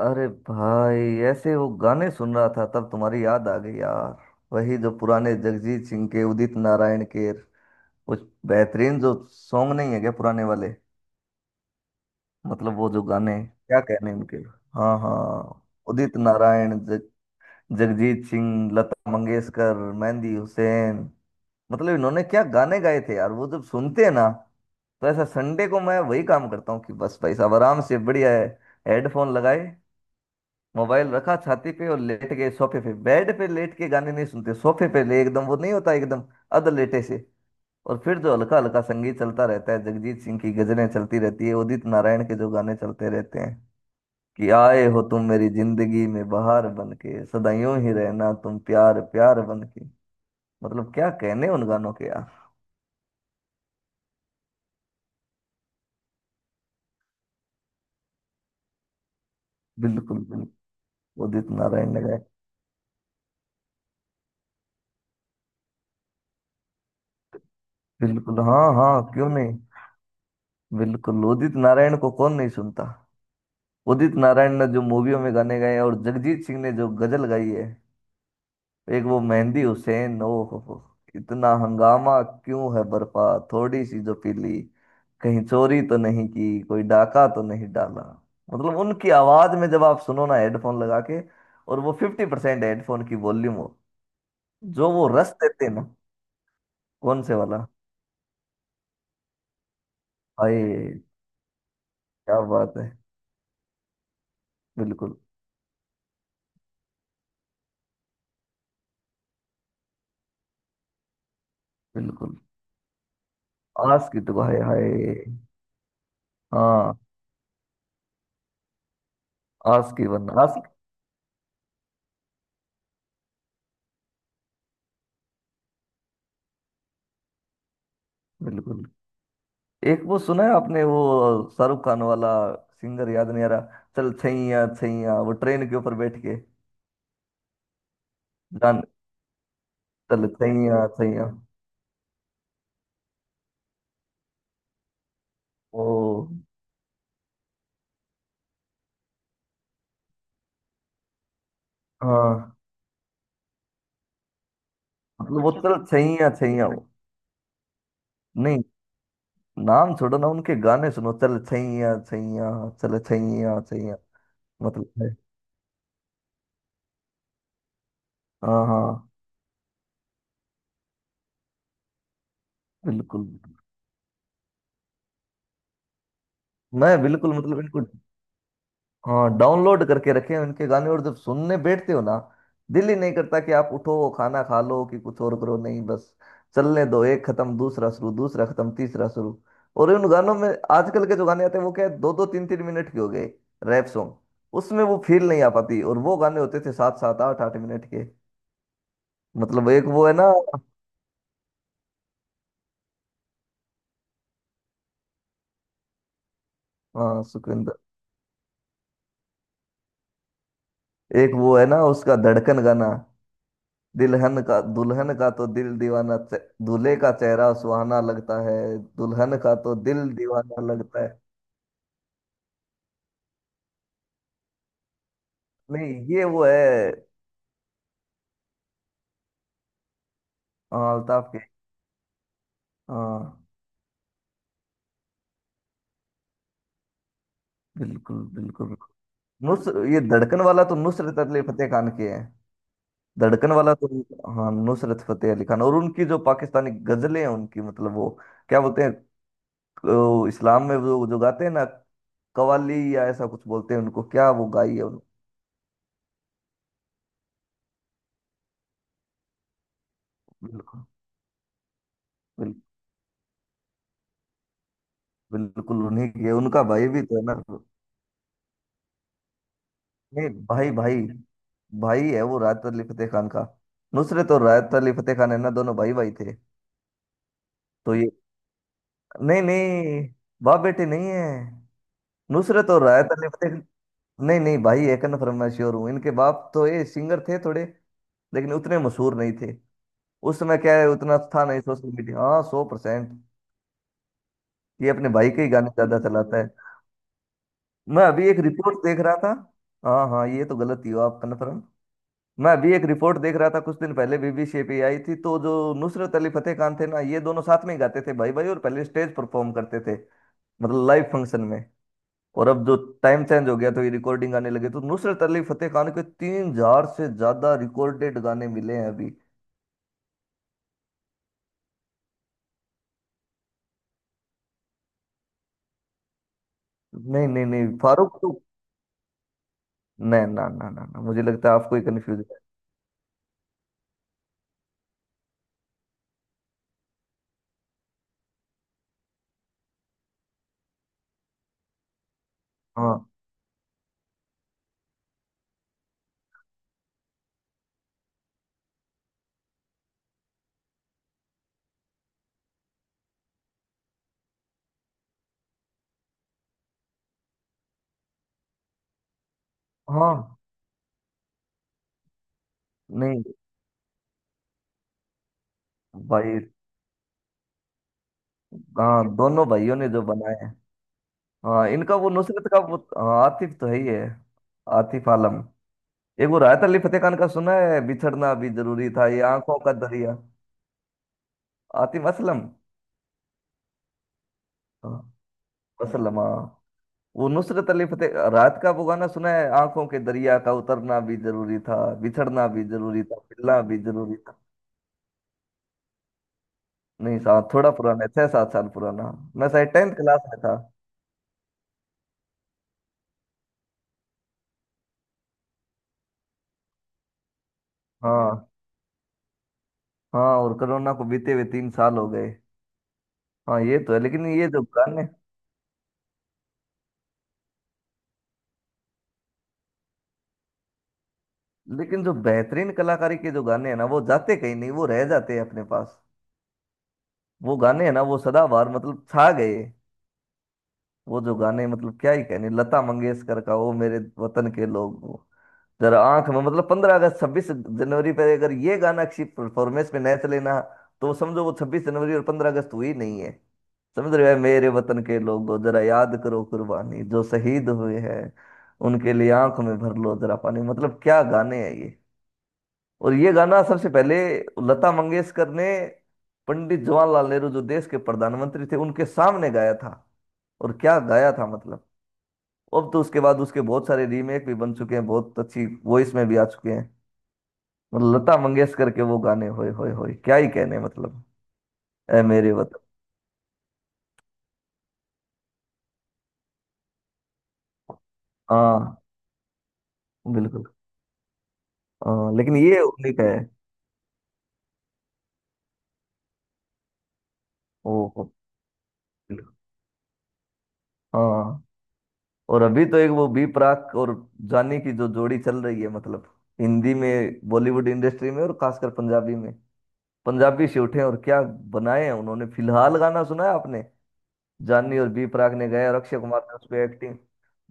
अरे भाई, ऐसे वो गाने सुन रहा था तब तुम्हारी याद आ गई यार। वही जो पुराने जगजीत सिंह के, उदित नारायण के कुछ बेहतरीन जो सॉन्ग नहीं है क्या, पुराने वाले। मतलब वो जो गाने, क्या कहने हैं उनके। हाँ हाँ। उदित नारायण, जगजीत सिंह, लता मंगेशकर, मेहंदी हुसैन, मतलब इन्होंने क्या गाने गाए थे यार। वो जब सुनते हैं ना तो ऐसा संडे को मैं वही काम करता हूँ कि बस भाई साहब आराम से बढ़िया है। हेडफोन लगाए, मोबाइल रखा छाती पे और लेट गए सोफे पे। बेड पे लेट के गाने नहीं सुनते, सोफे पे ले, एकदम वो नहीं होता, एकदम अध लेटे से। और फिर जो हल्का हल्का संगीत चलता रहता है, जगजीत सिंह की गजलें चलती रहती है, उदित नारायण के जो गाने चलते रहते हैं कि आए हो तुम मेरी जिंदगी में बहार बन के, सदा यूं ही रहना तुम प्यार प्यार बन के। मतलब क्या कहने उन गानों के यार। बिल्कुल बिल्कुल। उदित नारायण ने गाए। बिल्कुल, हाँ हाँ, क्यों नहीं। बिल्कुल, उदित नारायण को कौन नहीं सुनता। उदित नारायण ने जो मूवियों में गाने गाए हैं और जगजीत सिंह ने जो गजल गाई है। एक वो मेहंदी हुसैन, ओ हो, इतना हंगामा क्यों है बरपा, थोड़ी सी जो पीली, कहीं चोरी तो नहीं की, कोई डाका तो नहीं डाला। मतलब उनकी आवाज में जब आप सुनो ना हेडफोन लगा के, और वो 50% हेडफोन की वॉल्यूम हो, जो वो रस देते हैं ना। कौन से वाला। हाय, क्या बात है। बिल्कुल बिल्कुल। आस की तो हाय हाय। हाँ। आस की वन, आस। बिल्कुल। एक वो सुना है आपने वो शाहरुख खान वाला, सिंगर याद नहीं आ रहा, चल छैया छैया, वो ट्रेन के ऊपर बैठ के। जान, चल छैया छैया, वो। हाँ। मतलब वो चल छैया छैया, वो। नहीं, नाम छोड़ो ना, उनके गाने सुनो, चल छैया छैया, चल छैया छैया। मतलब है। हाँ हाँ, बिल्कुल। मैं बिल्कुल, मतलब इनको, हाँ, डाउनलोड करके रखे हैं उनके गाने। और जब सुनने बैठते हो ना, दिल ही नहीं करता कि आप उठो, खाना खा लो कि कुछ और करो, नहीं बस चलने दो, एक खत्म दूसरा शुरू, दूसरा खत्म तीसरा शुरू। और उन गानों में, आजकल के जो गाने आते हैं वो क्या है, दो दो तीन तीन मिनट के हो गए, रैप सॉन्ग। उसमें वो फील नहीं आ पाती। और वो गाने होते थे सात सात आठ आठ मिनट के। मतलब एक वो है ना। हाँ, सुखविंदर। एक वो है ना उसका धड़कन गाना, दुल्हन का, दुल्हन का तो दिल दीवाना, दूल्हे का चेहरा सुहाना लगता है, दुल्हन का तो दिल दीवाना लगता है। नहीं, ये वो है। हाँ, अल्ताफ के। हाँ, बिल्कुल बिल्कुल बिल्कुल। नुस ये धड़कन वाला तो नुसरत अली फतेह खान के हैं। धड़कन वाला तो, हाँ, नुसरत फतेह अली खान। और उनकी जो पाकिस्तानी गजलें हैं उनकी, मतलब वो क्या बोलते हैं, इस्लाम में वो जो गाते हैं ना, कवाली या ऐसा कुछ बोलते हैं उनको, क्या वो गाई है उनको। बिल्कुल बिल्कुल। बिल्कुल उन्हीं के, उनका भाई भी तो है ना। नहीं, भाई भाई। भाई है वो राहत अली फतेह खान का। नुसरत और राहत अली फतेह खान है ना, दोनों भाई भाई थे। तो ये, नहीं नहीं, बाप बेटे नहीं है। नुसरत और राहत अली फतेह, नहीं नहीं, भाई है, कन्फर्म, मैं श्योर हूँ। इनके बाप तो ये सिंगर थे थोड़े, लेकिन उतने मशहूर नहीं थे। उस समय क्या है, उतना था नहीं सोशल मीडिया। हाँ, 100%। ये अपने भाई के ही गाने ज्यादा चलाता है। मैं अभी एक रिपोर्ट देख रहा था। हाँ हाँ, ये तो गलत ही हो, आप कन्फर्म। मैं अभी एक रिपोर्ट देख रहा था कुछ दिन पहले, बीबी शेपी आई थी, तो जो नुसरत अली फतेह खान थे ना, ये दोनों साथ में ही गाते थे, भाई भाई, और पहले स्टेज परफॉर्म करते थे, मतलब लाइव फंक्शन में। और अब जो टाइम चेंज हो गया तो ये रिकॉर्डिंग आने लगे, तो नुसरत अली फतेह खान के 3,000 से ज्यादा रिकॉर्डेड गाने मिले हैं अभी। नहीं नहीं नहीं, फारूक तो, नहीं, ना ना ना ना, मुझे लगता है आपको ही कंफ्यूज है। हाँ हाँ, नहीं भाई। हाँ, दोनों भाइयों ने जो बनाए हैं। हाँ, इनका वो नुसरत का वो, हाँ, आतिफ तो है ही है, आतिफ आलम। एक वो राहत अली फतेह खान का सुना है, बिछड़ना भी जरूरी था, ये आंखों का दरिया। आतिम असलम। हाँ, असलम, हाँ। वो नुसरत अली फतेह राहत का वो गाना सुना है, आंखों के दरिया का उतरना भी जरूरी था, बिछड़ना भी जरूरी था, मिलना भी जरूरी था। नहीं साहब, थोड़ा पुराना है, 6-7 साल पुराना। मैं शायद 10th क्लास में था। हाँ हाँ, और कोरोना को बीते हुए 3 साल हो गए। हाँ, ये तो है, लेकिन ये जो गाने, लेकिन जो बेहतरीन कलाकारी के जो गाने हैं ना वो जाते कहीं नहीं, वो रह जाते हैं अपने पास। वो गाने हैं ना वो सदाबहार, मतलब छा गए। वो जो गाने, मतलब क्या ही कहने, लता मंगेशकर का वो, मेरे वतन के लोग, वो जरा आंख में, मतलब 15 अगस्त, 26 जनवरी पे अगर ये गाना अच्छी परफॉर्मेंस में नहीं चले ना, तो समझो वो 26 जनवरी और 15 अगस्त हुई नहीं है। समझ रहे हो, मेरे वतन के लोगों जरा याद करो कुर्बानी, जो शहीद हुए हैं उनके लिए आंख में भर लो जरा पानी, मतलब क्या गाने हैं ये। और ये गाना सबसे पहले लता मंगेशकर ने पंडित जवाहरलाल नेहरू, जो देश के प्रधानमंत्री थे, उनके सामने गाया था। और क्या गाया था मतलब, अब तो उसके बाद उसके बहुत सारे रीमेक भी बन चुके हैं, बहुत अच्छी वॉइस में भी आ चुके हैं। मतलब लता मंगेशकर के वो गाने, होए होए होए, क्या ही कहने मतलब। ए मेरे वतन। हाँ। बिल्कुल। हाँ, लेकिन ये उन्हीं का है। ओ हो, बिल्कुल। हाँ। और अभी तो एक वो बी प्राक और जानी की जो जोड़ी चल रही है, मतलब हिंदी में, बॉलीवुड इंडस्ट्री में और खासकर पंजाबी में। पंजाबी से उठे और क्या बनाए हैं उन्होंने। फिलहाल गाना सुना है आपने, जानी और बी प्राक ने गाया और अक्षय कुमार ने उस पे एक्टिंग,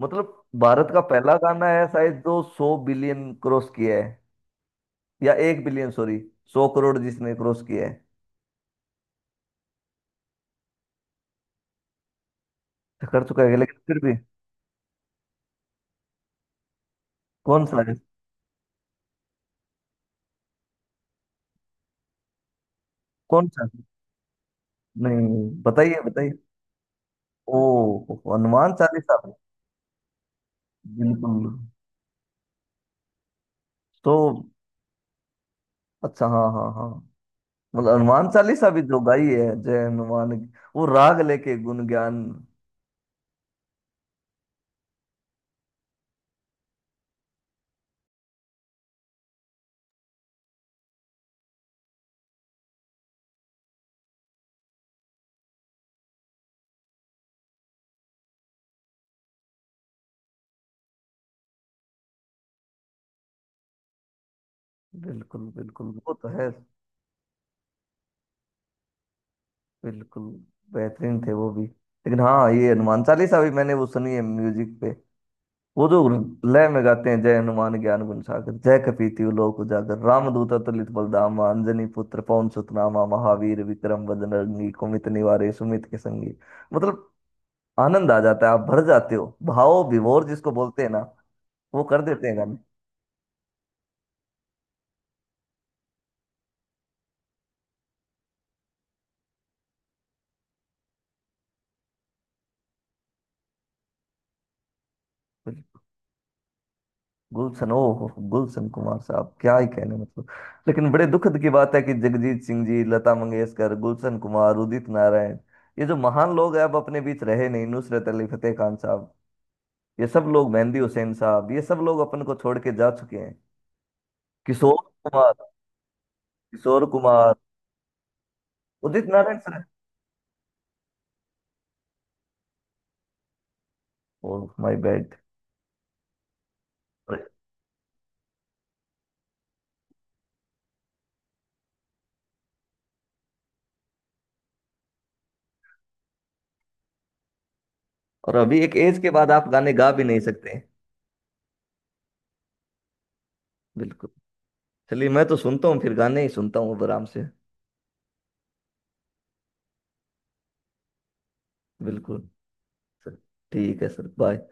मतलब भारत का पहला गाना है शायद जो 100 बिलियन क्रॉस किया है, या 1 बिलियन सॉरी, 100 करोड़ जिसने क्रॉस किया है। तो कर चुका है लेकिन फिर भी। कौन सा है। कौन सा, नहीं बताइए बताइए। ओ, हनुमान चालीसा। बिल्कुल। तो, अच्छा, हाँ हाँ हाँ, मतलब हनुमान चालीसा भी जो गाई है, जय हनुमान, वो राग लेके, गुण ज्ञान। बिल्कुल बिल्कुल, वो तो है। बिल्कुल, बेहतरीन थे वो भी, लेकिन हाँ ये हनुमान चालीसा भी मैंने वो सुनी है म्यूजिक पे, वो जो लय में गाते हैं, जय हनुमान ज्ञान गुण सागर, जय कपीति लोक उजागर, रामदूत अतुलित बलधामा, अंजनी पुत्र पवन सुत नामा, महावीर विक्रम बजरंगी, कुमित निवारे सुमित के संगी, मतलब आनंद आ जाता है, आप भर जाते हो भाव विभोर, जिसको बोलते हैं ना, वो कर देते हैं गाने। गुलशन, ओ हो, गुलशन कुमार साहब, क्या ही कहने मतलब। लेकिन बड़े दुखद की बात है कि जगजीत सिंह जी, लता मंगेशकर, गुलशन कुमार, उदित नारायण, ये जो महान लोग हैं अब अपने बीच रहे नहीं, नुसरत अली फतेह खान साहब, ये सब लोग, मेहंदी हुसैन साहब, ये सब लोग अपन को छोड़ के जा चुके हैं। Kishore Kumar. Kishore Kumar, Udit Narayan sir, oh my bad. और अभी एक एज के बाद आप गाने गा भी नहीं सकते हैं। बिल्कुल। चलिए, मैं तो सुनता हूँ, फिर गाने ही सुनता हूँ अब आराम से। बिल्कुल, सर। ठीक है सर, बाय।